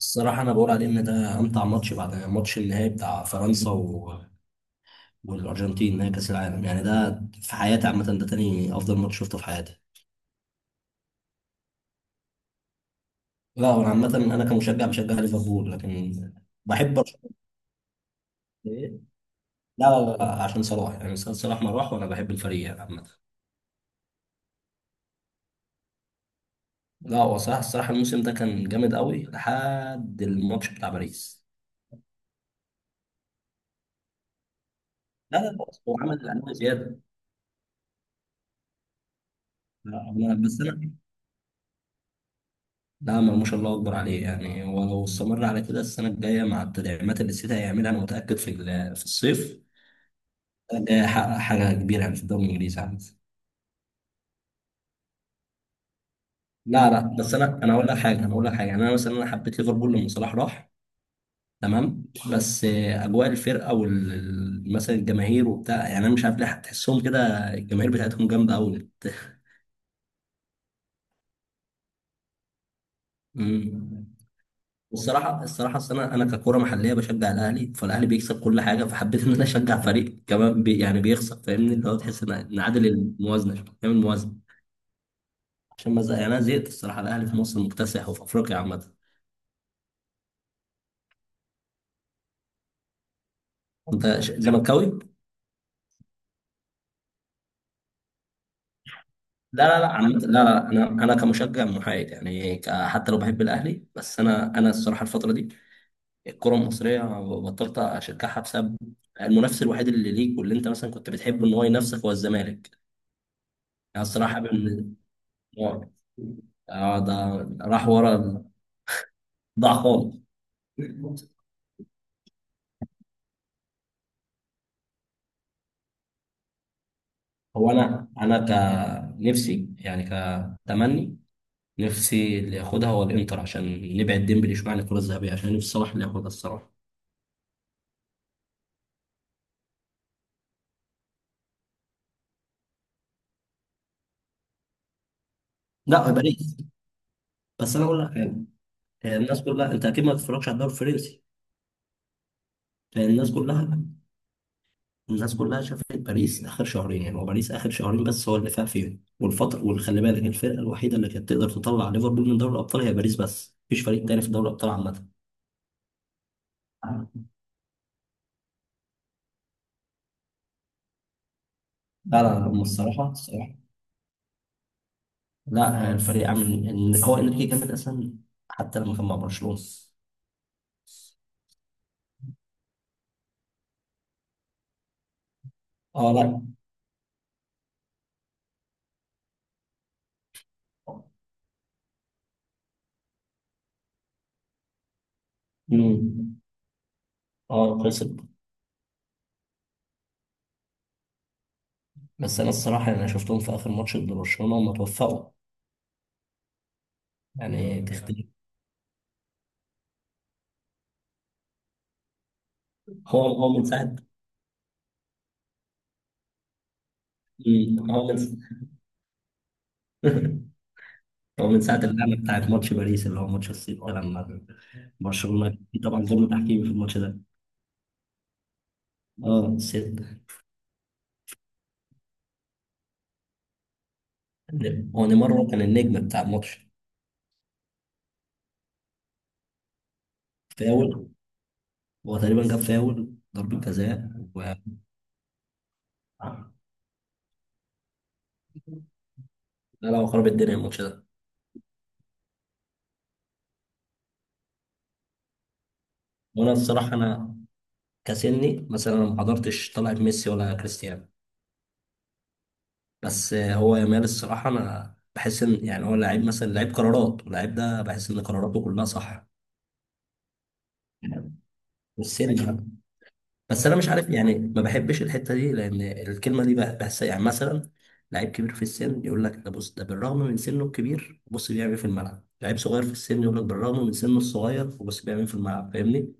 الصراحة أنا بقول عليه إن ده أمتع ماتش بعد ماتش النهائي بتاع فرنسا والأرجنتين، نهائي كأس العالم. يعني ده في حياتي عامة ده تاني أفضل ماتش شفته في حياتي. لا، أنا عامة، أنا كمشجع بشجع ليفربول، لكن بحب برشلونة. ليه؟ لا لا لا، عشان صلاح، يعني سيد صلاح ما راح وأنا بحب الفريق يعني عامة. لا، هو صلاح الصراحة الموسم ده كان جامد قوي لحد الماتش بتاع باريس. لا لا، هو عمل الألعاب زيادة. لا، بس أنا، نعم، ما شاء الله، اكبر عليه. يعني ولو استمر على كده السنه الجايه مع التدعيمات اللي السيتي هيعملها، انا متاكد في في الصيف الجاي هيحقق حاجه كبيره يعني في الدوري الانجليزي عامة. لا لا، بس انا هقول لك حاجه، يعني انا مثلا انا حبيت ليفربول لما صلاح راح، تمام؟ بس اجواء الفرقه مثلا الجماهير وبتاع، يعني انا مش عارف ليه تحسهم كده. الجماهير بتاعتهم جامده قوي. والصراحه، الصراحه اصل انا ككوره محليه بشجع الاهلي، فالاهلي بيكسب كل حاجه، فحبيت ان انا اشجع فريق كمان يعني بيخسر، فاهمني؟ اللي هو تحس إن عادل الموازنه شوية، نعمل موازنه. عشان ما زهق، يعني انا زهقت الصراحه. الاهلي في مصر مكتسح وفي افريقيا عامه. انت زملكاوي؟ لا لا لا، عامه، لا لا، انا كمشجع محايد، يعني حتى لو بحب الاهلي، بس انا الصراحه الفتره دي الكره المصريه بطلت اشجعها، بسبب المنافس الوحيد اللي ليك واللي انت مثلا كنت بتحبه ان هو ينافسك هو الزمالك. يعني الصراحه، اه، اه، ده راح ورا ال- ضاع خالص. هو انا كنفسي، يعني كتمني، نفسي اللي ياخدها هو الانتر عشان نبعد ديمبلي شويه عن الكره الذهبيه، عشان نفسي صلاح اللي ياخدها الصراحه. لا، باريس. بس انا اقول لك حاجه، هي الناس كلها انت اكيد ما تتفرجش على الدوري الفرنسي. لان الناس كلها شافت باريس اخر شهرين. يعني هو باريس اخر شهرين بس هو اللي فاق فيهم، والفتره، وخلي بالك الفرقه الوحيده اللي كانت تقدر تطلع ليفربول من دوري الابطال هي باريس، بس مفيش فريق تاني في دوري الابطال عامه. لا لا لا، هم الصراحة لا، الفريق عامل إن هو إنريكي جامد أصلا حتى لما كان مع برشلونة. اه. لا. مم. اه، خسر. بس أنا الصراحة يعني أنا شفتهم في آخر ماتش ضد برشلونة، هم توفقوا يعني، تختلف. هو من ساعة. مم. هو من هو من ساعة اللعنة بتاعت ماتش باريس، اللي هو ماتش الصيف ده لما برشلونة كان، في طبعا ظلم تحكيمي في الماتش ده. اه، الصيف ده. هو نيمار هو كان النجم بتاع الماتش. فاول. هو تقريبا جاب فاول ضربة جزاء. و... لا لا، هو خرب الدنيا الماتش ده. وانا الصراحه انا كسني مثلا انا ما حضرتش طلعه ميسي ولا كريستيانو، بس هو يامال الصراحه انا بحس ان يعني هو لعيب مثلا لعيب قرارات، واللعيب ده بحس ان قراراته كلها صح. والسن بقى. بس انا مش عارف، يعني ما بحبش الحته دي، لان الكلمه دي بحسها، يعني مثلا لعيب كبير في السن يقول لك ده، بص ده بالرغم من سنه الكبير بص بيعمل إيه في الملعب، لعيب صغير في السن يقول لك بالرغم من سنه الصغير وبص بيعمل إيه في الملعب. فاهمني؟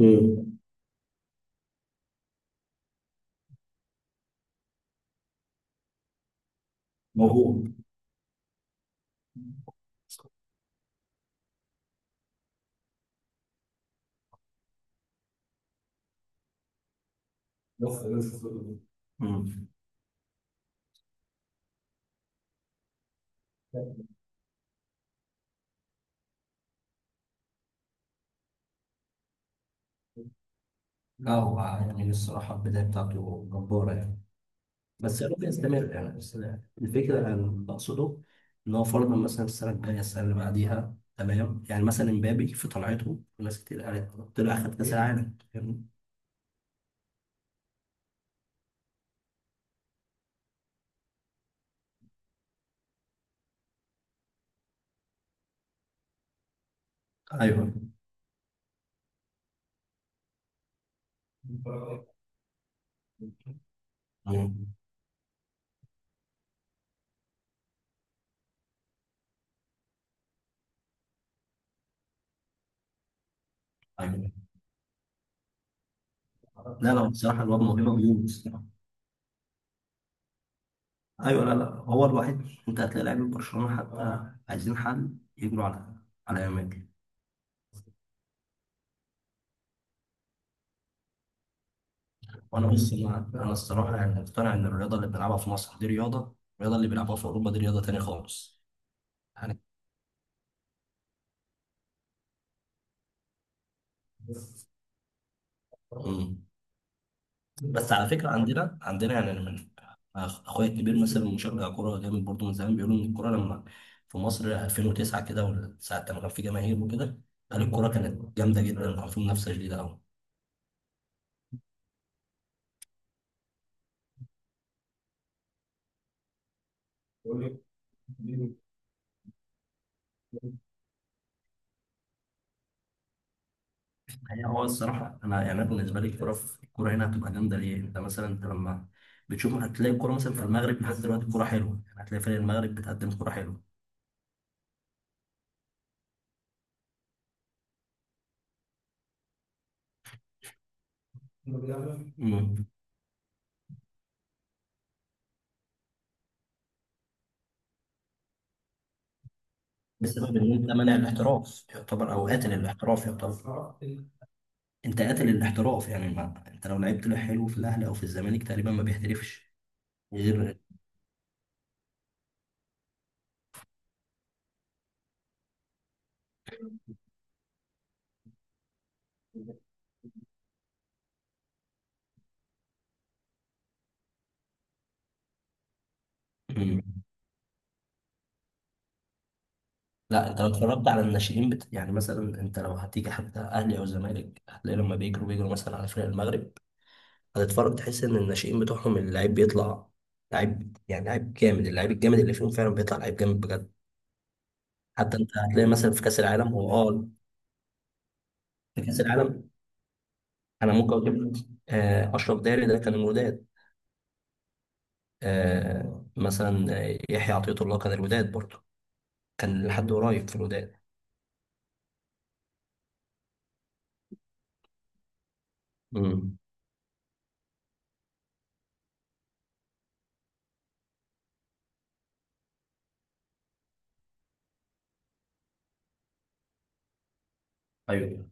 امم. موهوب. مم. لا، هو يعني الصراحة البداية بتاعته جبارة يعني، بس يا رب يستمر يعني. بس الفكرة اللي أنا بقصده إن هو فرضا مثلا السنة الجاية، السنة اللي بعديها، تمام؟ يعني مثلا امبابي في طلعته ناس كتير قالت طلع أخد كأس العالم، فاهمني؟ أيوه. مم. أيوه، لا لا، بصراحة الواد موهبة مليون بصراحة. أيوه، لا لا، هو الوحيد. أنت هتلاقي لعيبة برشلونة حتى عايزين حل يجروا على إمبابي. وأنا بص، أنا الصراحة يعني مقتنع إن الرياضة اللي بنلعبها في مصر دي الرياضة اللي بيلعبوها في أوروبا دي رياضة تانية خالص. يعني بس على فكره، عندنا يعني انا من أخ- اخويا الكبير، مثلا مشجع كوره جامد برضه من زمان، بيقولوا ان الكوره لما في مصر 2009 كده، وساعه لما كان في جماهير وكده، قال الكوره كانت جامده جدا وكان في منافسه شديده قوي. هو الصراحة أنا يعني، أنا بالنسبة لي في الكورة هنا هتبقى جامدة ليه؟ أنت مثلا أنت لما بتشوف هتلاقي الكورة مثلا في المغرب لحد دلوقتي الكورة حلوة، يعني هتلاقي فريق المغرب بتقدم كورة حلوة. امم. بسبب إن أنت مانع الاحتراف يعتبر، أو قاتل الاحتراف يعتبر. انت قاتل الاحتراف، يعني ما انت لو لعبت له حلو في الاهلي او في الزمالك تقريبا ما بيحترفش. غير. مم. لا انت لو اتفرجت على الناشئين يعني مثلا، انت لو هتيجي حتى اهلي او زمالك هتلاقي لما بيجروا مثلا على فرق المغرب، هتتفرج تحس ان الناشئين بتوعهم اللعيب بيطلع لعيب، يعني لعيب جامد. اللعيب الجامد اللي فيهم فعلا بيطلع لعيب جامد بجد. حتى انت هتلاقي مثلا في كاس العالم انا ممكن اقول لك، اشرف داري ده كان الوداد، مثلا يحيى عطية الله كان الوداد برضه، كان لحد قريب في الوداد. امم. ايوه.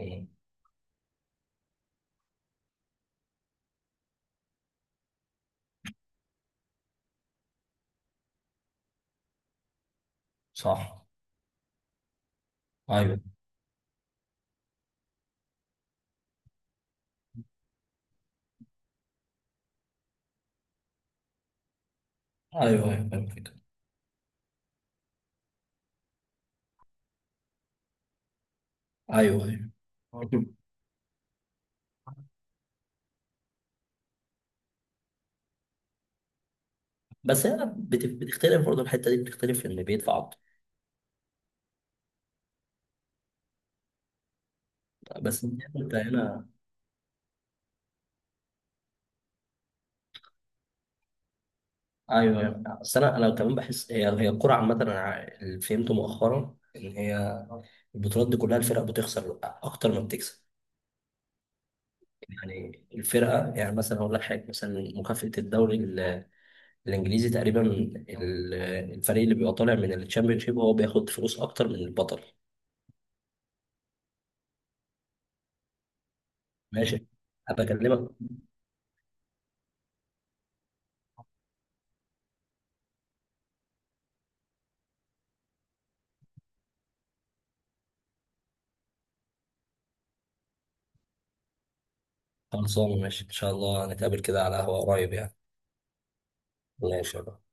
أمم. صح. ايوه. ايوه، ايوه، فاهم الفكرة. ايوه، ايوه. مم. بس هنا بتختلف برضه الحته دي، بتختلف في اللي بيدفع اكتر. بس انت هنا، ايوه ايوه، بس انا كمان بحس هي الكوره عامه، انا اللي فهمته مؤخرا ان هي البطولات دي كلها الفرق بتخسر اكتر ما بتكسب. يعني الفرقه، يعني مثلا هقول لك حاجه، مثلا مكافاه الدوري الانجليزي تقريبا الفريق اللي بيبقى طالع من الشامبيونشيب هو بياخد فلوس اكتر من البطل. ماشي، هبقى اكلمك. خلصانه، ماشي، ان شاء الله نتقابل كده على قهوه قريب يعني. ماشي.